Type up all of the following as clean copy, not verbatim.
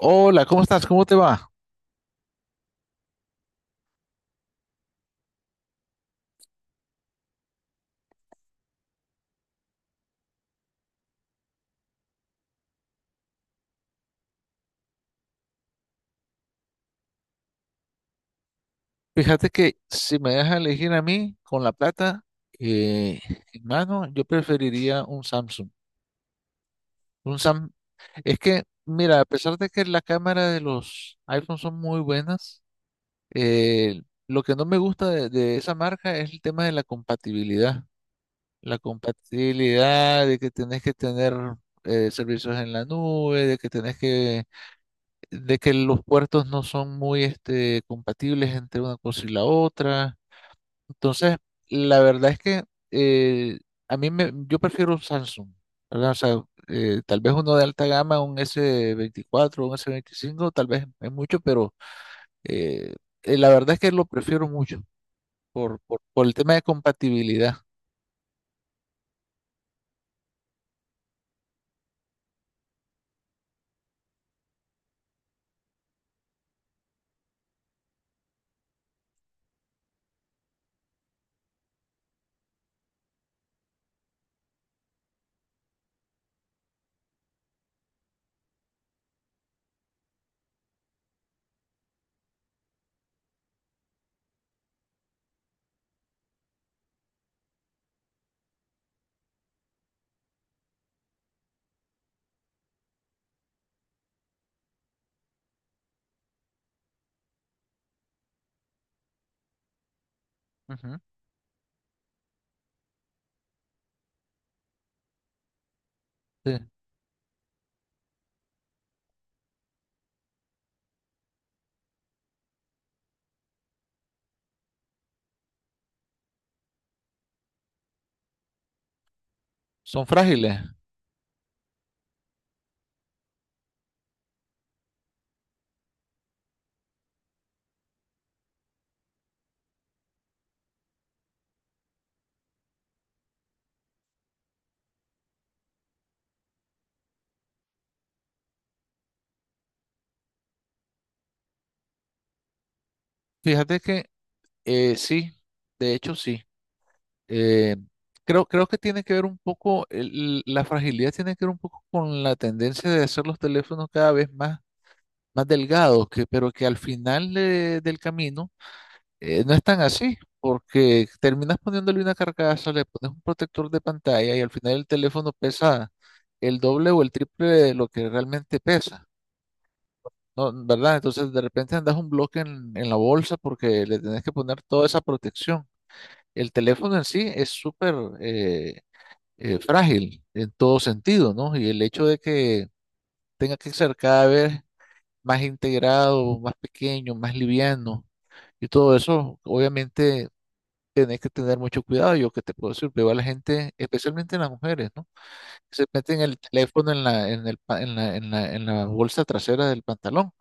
Hola, ¿cómo estás? ¿Cómo te va? Fíjate que si me dejas elegir a mí con la plata eh, en mano, yo preferiría un Samsung. Un Sam Es que, mira, a pesar de que la cámara de los iPhones son muy buenas, lo que no me gusta de esa marca es el tema de la compatibilidad. La compatibilidad de que tenés que tener, servicios en la nube, de que los puertos no son muy compatibles entre una cosa y la otra. Entonces, la verdad es que, eh, yo prefiero un Samsung, ¿verdad? O sea, tal vez uno de alta gama, un s veinticuatro un s veinticinco tal vez es mucho, pero eh, la verdad es que lo prefiero mucho por el tema de compatibilidad. Ujú, sí. Son frágiles. Fíjate que, sí, de hecho sí. Eh, creo que tiene que ver un poco, la fragilidad tiene que ver un poco con la tendencia de hacer los teléfonos cada vez más delgados, que, pero que al final del camino, no están así, porque terminas poniéndole una carcasa, le pones un protector de pantalla y al final el teléfono pesa el doble o el triple de lo que realmente pesa, ¿no? ¿Verdad? Entonces de repente andas un bloque en la bolsa porque le tenés que poner toda esa protección. El teléfono en sí es súper eh, frágil en todo sentido, ¿no? Y el hecho de que tenga que ser cada vez más integrado, más pequeño, más liviano y todo eso, obviamente tenés que tener mucho cuidado. Yo que te puedo decir, veo a la gente, especialmente las mujeres, ¿no? Que se meten el teléfono en la, en el, pa- en la, en la, en la bolsa trasera del pantalón.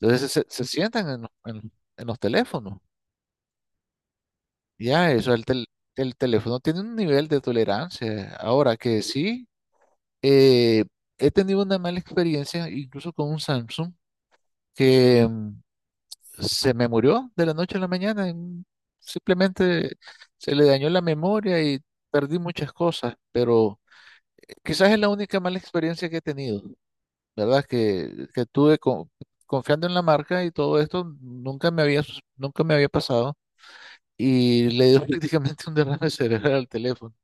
Entonces se sientan en los teléfonos. Ya, eso, el teléfono tiene un nivel de tolerancia. Ahora que sí, eh, he tenido una mala experiencia, incluso con un Samsung, que, se me murió de la noche a la mañana. Simplemente se le dañó la memoria y perdí muchas cosas, pero quizás es la única mala experiencia que he tenido, ¿verdad? Que tuve confiando en la marca y todo esto, nunca me había pasado y le dio prácticamente un derrame cerebral al teléfono.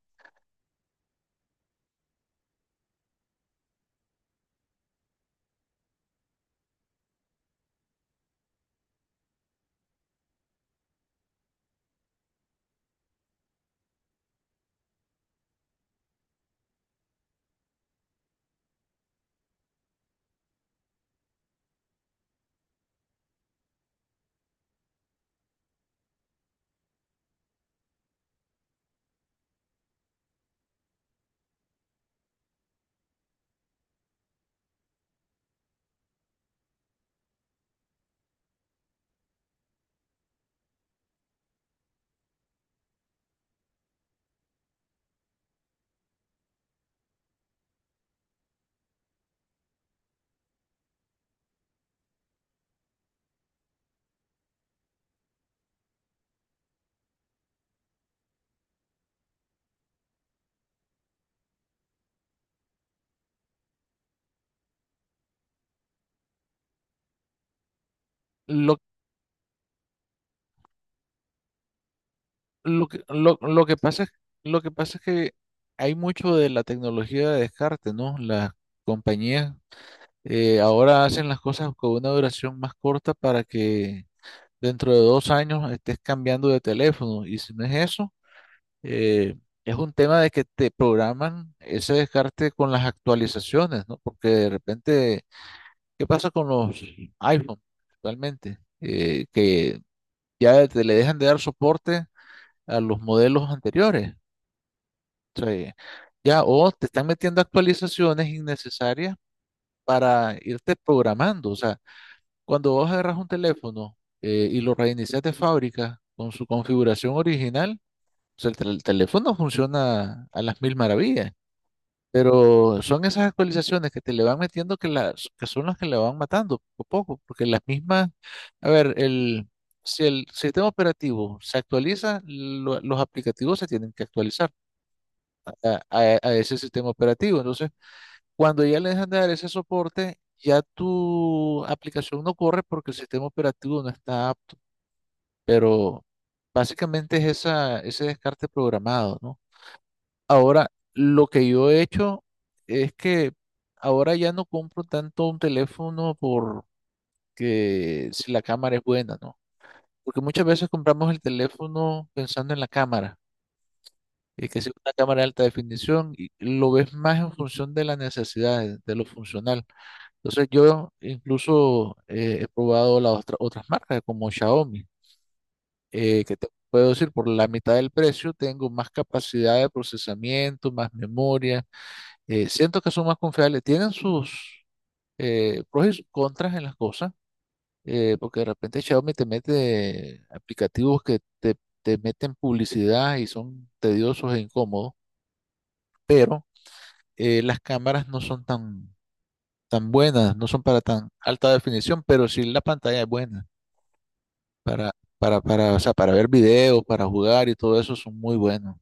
Lo, lo que, lo, lo que pasa es, lo que pasa es que hay mucho de la tecnología de descarte, ¿no? Las compañías, ahora hacen las cosas con una duración más corta para que dentro de 2 años estés cambiando de teléfono. Y si no es eso, eh, es un tema de que te programan ese descarte con las actualizaciones, ¿no? Porque de repente, ¿qué pasa con los iPhone actualmente? Que ya te le dejan de dar soporte a los modelos anteriores. O sea, ya, o te están metiendo actualizaciones innecesarias para irte programando. O sea. Cuando vos agarras un teléfono, y lo reinicias de fábrica con su configuración original, o sea, el teléfono funciona a las mil maravillas, pero son esas actualizaciones que te le van metiendo que son las que le van matando poco a poco, porque las mismas, a ver, si el sistema operativo se actualiza, los aplicativos se tienen que actualizar a ese sistema operativo. Entonces, cuando ya le dejan de dar ese soporte, ya tu aplicación no corre porque el sistema operativo no está apto. Pero básicamente es esa, ese descarte programado, ¿no? Ahora, lo que yo he hecho es que ahora ya no compro tanto un teléfono porque si la cámara es buena, ¿no? Porque muchas veces compramos el teléfono pensando en la cámara, y que sea una cámara de alta definición, y lo ves más en función de las necesidades, de lo funcional. Entonces yo incluso, he probado las otras marcas, como Xiaomi, que te puedo decir, por la mitad del precio tengo más capacidad de procesamiento, más memoria, siento que son más confiables, tienen sus pros y sus contras en las cosas, porque de repente Xiaomi te mete aplicativos que te meten publicidad y son tediosos e incómodos, pero las cámaras no son tan, tan buenas, no son para tan alta definición, pero sí la pantalla es buena. Para, o sea, para ver videos, para jugar y todo eso son muy buenos.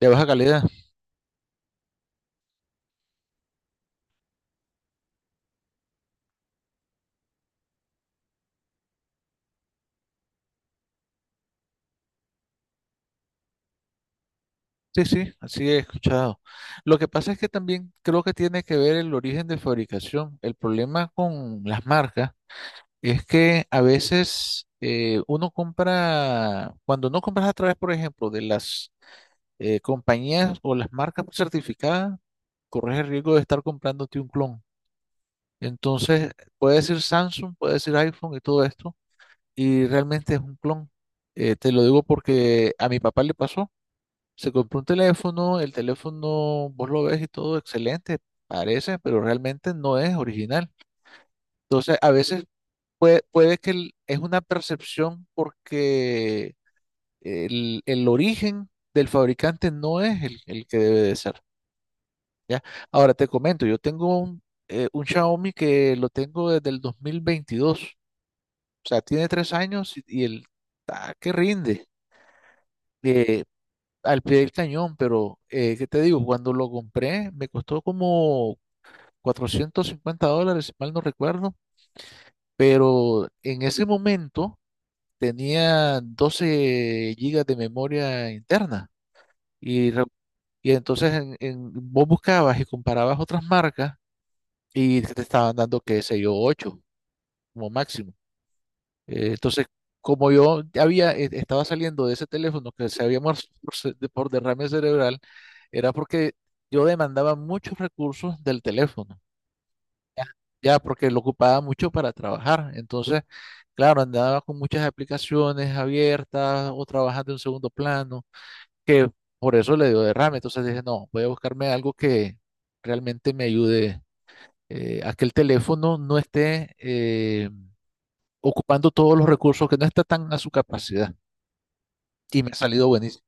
De baja calidad. Sí, sí, así he escuchado. Lo que pasa es que también creo que tiene que ver el origen de fabricación. El problema con las marcas es que a veces, uno compra, cuando no compras a través, por ejemplo, de las, compañías o las marcas certificadas, corres el riesgo de estar comprándote un clon. Entonces, puede ser Samsung, puede ser iPhone y todo esto y realmente es un clon. Te lo digo porque a mi papá le pasó. Se compró un teléfono, el teléfono vos lo ves y todo excelente, parece, pero realmente no es original. Entonces, a veces puede es una percepción porque el origen del fabricante no es el que debe de ser, ¿ya? Ahora te comento, yo tengo un Xiaomi que lo tengo desde el 2022. O sea, tiene 3 años y que rinde. Eh, Al pie del cañón, pero, ¿qué te digo? Cuando lo compré me costó como $450, si mal no recuerdo, pero en ese momento tenía 12 gigas de memoria interna y, re- y entonces vos buscabas y comparabas otras marcas y te estaban dando, qué sé yo, 8 como máximo. Entonces, como estaba saliendo de ese teléfono que se había muerto por derrame cerebral, era porque yo demandaba muchos recursos del teléfono, ya, ya, porque lo ocupaba mucho para trabajar. Entonces, claro, andaba con muchas aplicaciones abiertas o trabajando en segundo plano, que por eso le dio derrame. Entonces dije, no, voy a buscarme algo que realmente me ayude, a que el teléfono no esté ocupando todos los recursos que no está tan a su capacidad. Y me ha salido buenísimo.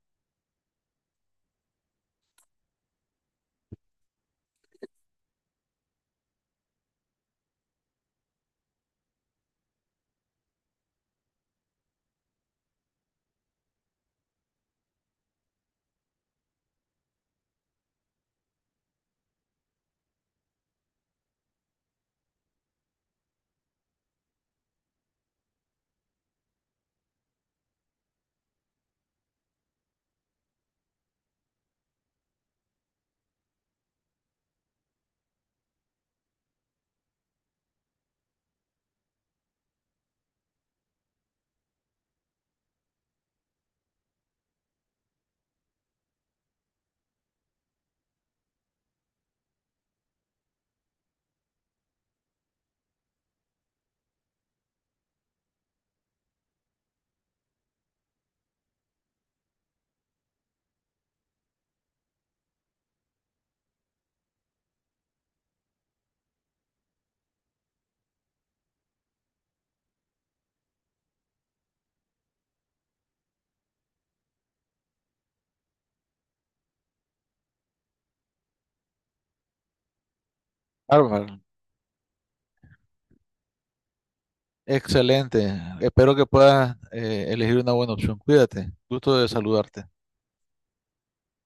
Bárbaro. Excelente. Espero que puedas, elegir una buena opción. Cuídate. Gusto de saludarte.